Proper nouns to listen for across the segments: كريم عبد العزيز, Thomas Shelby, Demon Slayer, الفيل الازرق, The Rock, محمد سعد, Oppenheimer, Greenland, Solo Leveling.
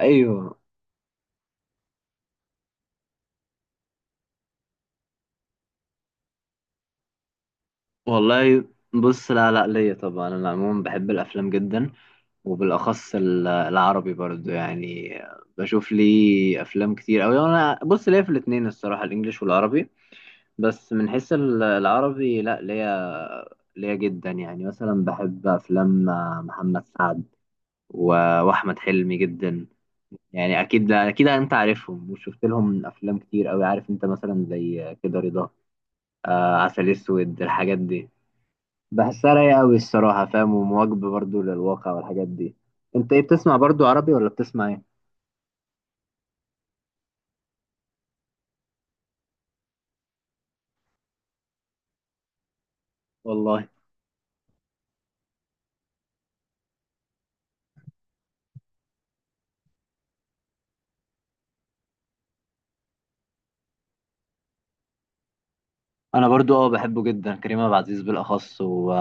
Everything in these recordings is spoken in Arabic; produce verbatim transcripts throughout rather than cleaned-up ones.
ايوه، والله. بص، لا لا ليا طبعا. انا عموما بحب الافلام جدا، وبالاخص ال- العربي برضو. يعني بشوف لي افلام كتير اوي. انا بص، ليا في الاتنين الصراحه، الانجليش والعربي. بس من حيث ال- العربي، لا، ليا ليا جدا. يعني مثلا بحب افلام محمد سعد و- واحمد حلمي جدا. يعني اكيد اكيد انت عارفهم، وشفت لهم افلام كتير اوي. عارف انت مثلا زي كده رضا، آه عسل اسود، الحاجات دي. بحسها رايقة أوي الصراحة، فاهم؟ ومواكبة برضو للواقع والحاجات دي. أنت إيه بتسمع؟ برضو عربي ولا بتسمع إيه؟ والله. أنا برضو أه بحبه جدا، كريم عبد العزيز بالأخص، و...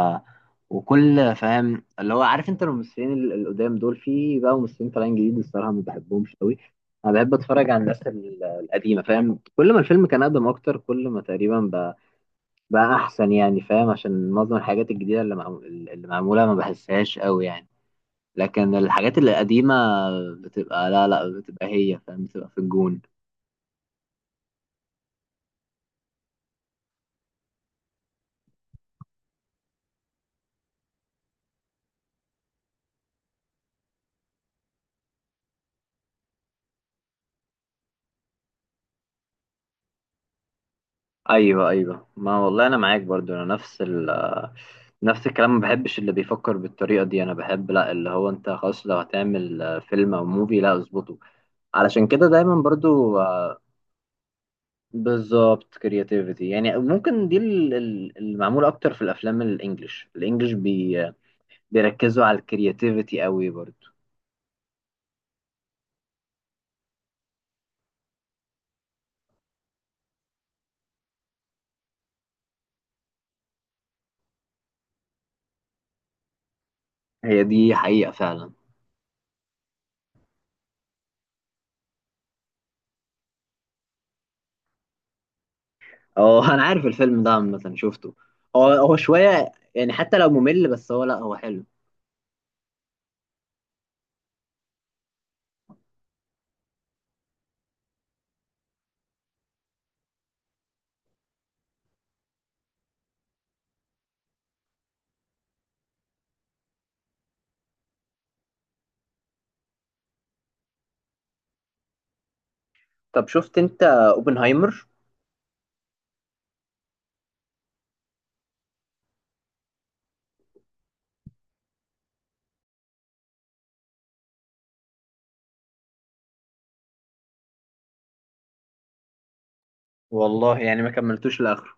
وكل، فاهم؟ اللي هو عارف أنت الممثلين ال- القدام دول. في بقى ممثلين طالعين جديد الصراحة ما بحبهمش أوي. أنا بحب أتفرج على الناس ال- القديمة، فاهم؟ كل ما الفيلم كان أقدم أكتر، كل ما تقريبا بقى, بقى أحسن يعني. فاهم؟ عشان معظم الحاجات الجديدة اللي, معمو... اللي معمولة ما بحسهاش أوي يعني. لكن الحاجات اللي قديمة بتبقى، لا لا، بتبقى هي، فاهم؟ بتبقى في الجون. ايوه ايوه، ما والله انا معاك برضو. انا نفس ال آه، نفس الكلام، ما بحبش اللي بيفكر بالطريقة دي. انا بحب لا، اللي هو انت خلاص لو هتعمل آه، فيلم او موفي، لا اظبطه. علشان كده دايما برضو آه، بالظبط، كرياتيفيتي. يعني ممكن دي ال- ال- المعمول اكتر في الافلام الانجليش. الانجليش بي بيركزوا على الكرياتيفيتي قوي برضو. هي دي حقيقة فعلا. اه، انا عارف الفيلم ده، عامة شفته. هو هو شوية يعني، حتى لو ممل، بس هو، لا هو حلو. طب شفت انت اوبنهايمر؟ والله يعني ما كملتوش لاخره.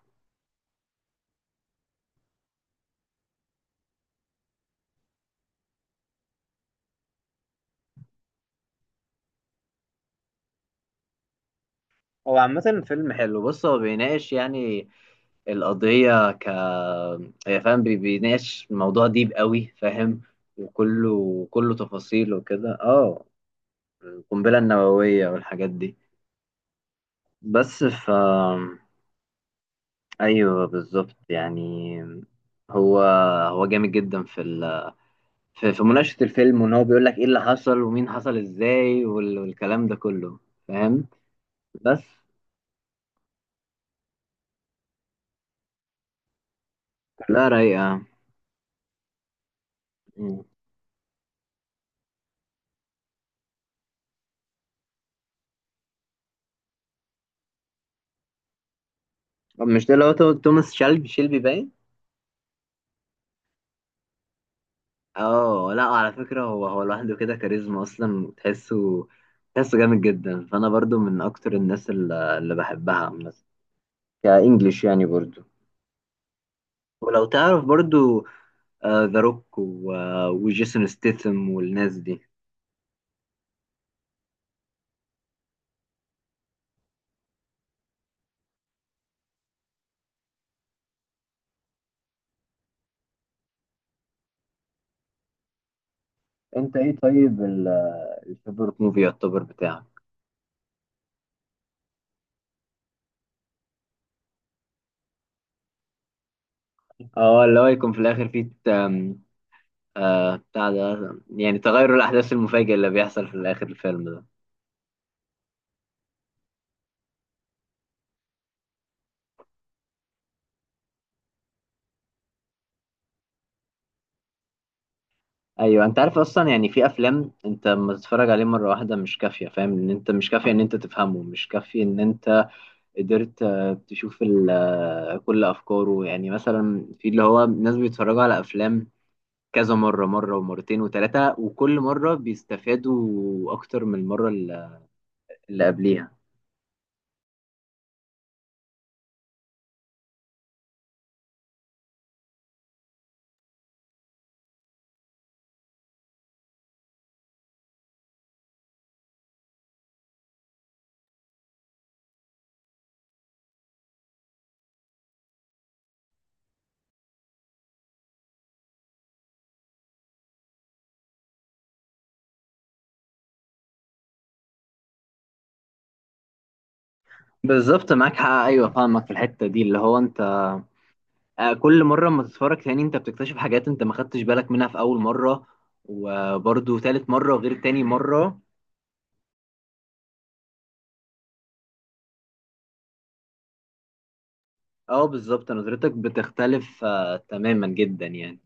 هو عامة فيلم حلو. بص، هو بيناقش يعني القضية ك يا فاهم، بي- بيناقش موضوع ديب قوي، فاهم؟ وكله كله تفاصيل وكده. اه القنبلة النووية والحاجات دي. بس ف ايوه بالظبط يعني. هو هو جامد جدا في ال في في مناقشة الفيلم، وان هو بيقول لك ايه اللي حصل، ومين حصل ازاي، وال- والكلام ده كله، فاهم؟ بس، لا رايقة. مم. طب مش ده اللي هو تو- توماس شيلبي شيلبي باين؟ اه. لا على فكرة، هو هو لوحده كده كاريزما اصلا. تحسه تحسه جامد جدا. فانا برضو من اكتر الناس اللي, اللي بحبها مثلا، كانجليش يعني برضو. ولو تعرف برضو، ذا روك وجيسون ستيثم والناس دي. انت ايه طيب، الفيفورت موفي يعتبر بتاعك؟ اه، اللي هو يكون في الاخر فيه ت- آم، آه بتاع ده يعني، تغير الاحداث المفاجئ اللي بيحصل في الاخر الفيلم ده. ايوه، انت عارف اصلا يعني. في افلام انت لما تتفرج عليه مره واحده مش كافيه، فاهم؟ ان انت مش كافيه ان انت تفهمه، مش كافيه ان انت قدرت آه، تشوف ال- آه، كل افكاره. يعني مثلا في اللي هو ناس بيتفرجوا على افلام كذا مره، مره ومرتين وثلاثه، وكل مره بيستفادوا اكتر من المره اللي اللي قبليها. بالظبط، معاك حق، ايوه فاهمك في الحته دي. اللي هو انت، آه، كل مرة اما تتفرج تاني انت بتكتشف حاجات انت ما خدتش بالك منها في اول مرة. وبرضو تالت مرة غير تاني مرة. اه بالظبط، نظرتك بتختلف آه تماما جدا يعني.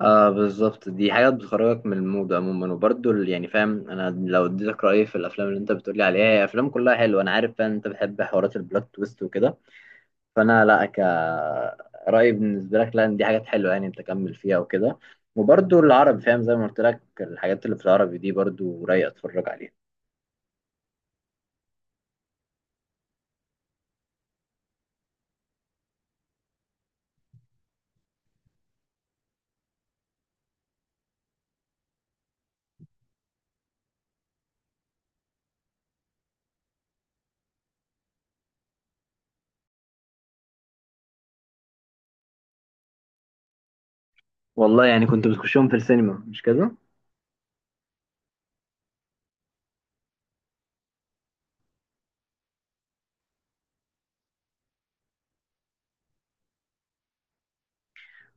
اه بالظبط، دي حاجة بتخرجك من المود عموما. وبرضو ال- يعني فاهم، انا لو اديتك رأيي في الافلام اللي انت بتقولي عليها، هي افلام كلها حلوة. انا عارف فاهم انت بتحب حوارات البلوت تويست وكده. فانا لا، كرأيي بالنسبه لك، لا، إن دي حاجات حلوه يعني، انت كمل فيها وكده. وبرضو العربي، فاهم؟ زي ما قلت لك الحاجات اللي في العربي دي برضو رايق اتفرج عليها. والله يعني كنت بتخشهم في السينما، مش كده؟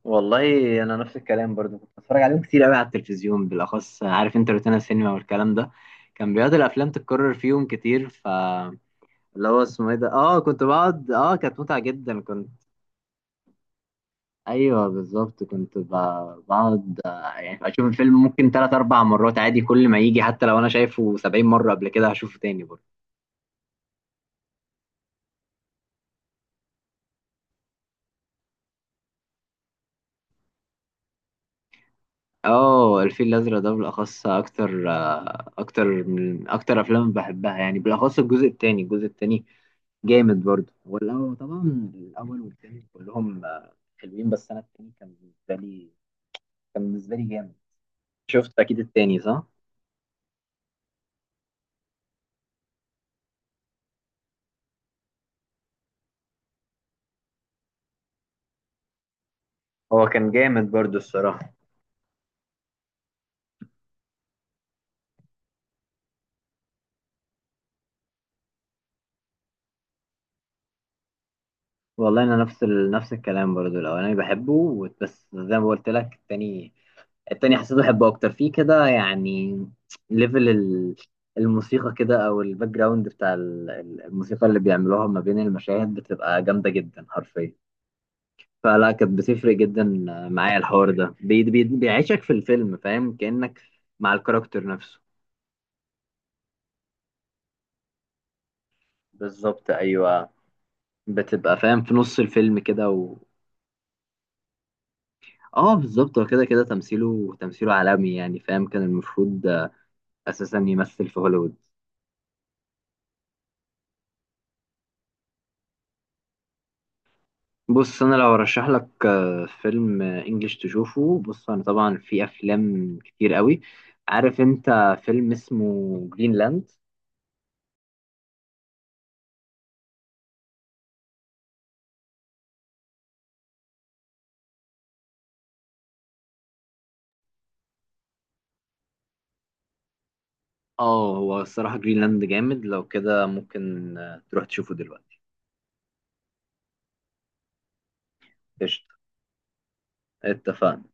والله انا نفس الكلام برضو، كنت بتفرج عليهم كتير قوي على التلفزيون، بالاخص عارف انت روتانا السينما والكلام ده. كان بيقعد الافلام تتكرر فيهم كتير. ف اللي هو اسمه ايه ده، اه كنت بقعد. اه كانت متعه جدا. كنت ايوه بالظبط. كنت ب- بقعد، آه، يعني اشوف الفيلم ممكن ثلاث اربع مرات عادي، كل ما يجي. حتى لو انا شايفه سبعين مره قبل كده هشوفه تاني برضه. اه، الفيل الازرق ده بالاخص، اكتر آه، اكتر من اكتر افلام بحبها يعني، بالاخص الجزء التاني الجزء التاني جامد برضه. والاول طبعا، الاول والتاني كلهم آه، حلوين. بس انا التاني كان بالنسبه لي كان بالنسبه لي جامد. شفت اكيد التاني، صح؟ هو كان جامد برضه الصراحه. والله انا نفس ال... نفس الكلام برضو، الاولاني بحبه، و- بس زي ما قلت لك التاني التاني حسيت بحبه اكتر فيه كده يعني. ليفل ال... الموسيقى كده، او الباك جراوند بتاع ال- ال- الموسيقى اللي بيعملوها ما بين المشاهد بتبقى جامده جدا حرفيا. فلا، كانت بتفرق جدا معايا. الحوار ده بي... بي... بيعيشك في الفيلم، فاهم؟ كأنك مع الكاركتر نفسه. بالظبط ايوه. بتبقى فاهم في نص الفيلم كده و... اه بالظبط. هو كده كده، تمثيله تمثيله عالمي يعني، فاهم؟ كان المفروض اساسا يمثل في هوليوود. بص، انا لو ارشح لك آه، فيلم آه، انجليش تشوفه. بص انا طبعا في افلام كتير قوي. عارف انت فيلم اسمه جرينلاند. اه، هو الصراحة جرينلاند جامد. لو كده ممكن آه، تروح تشوفه دلوقتي. قشطة، اتفقنا.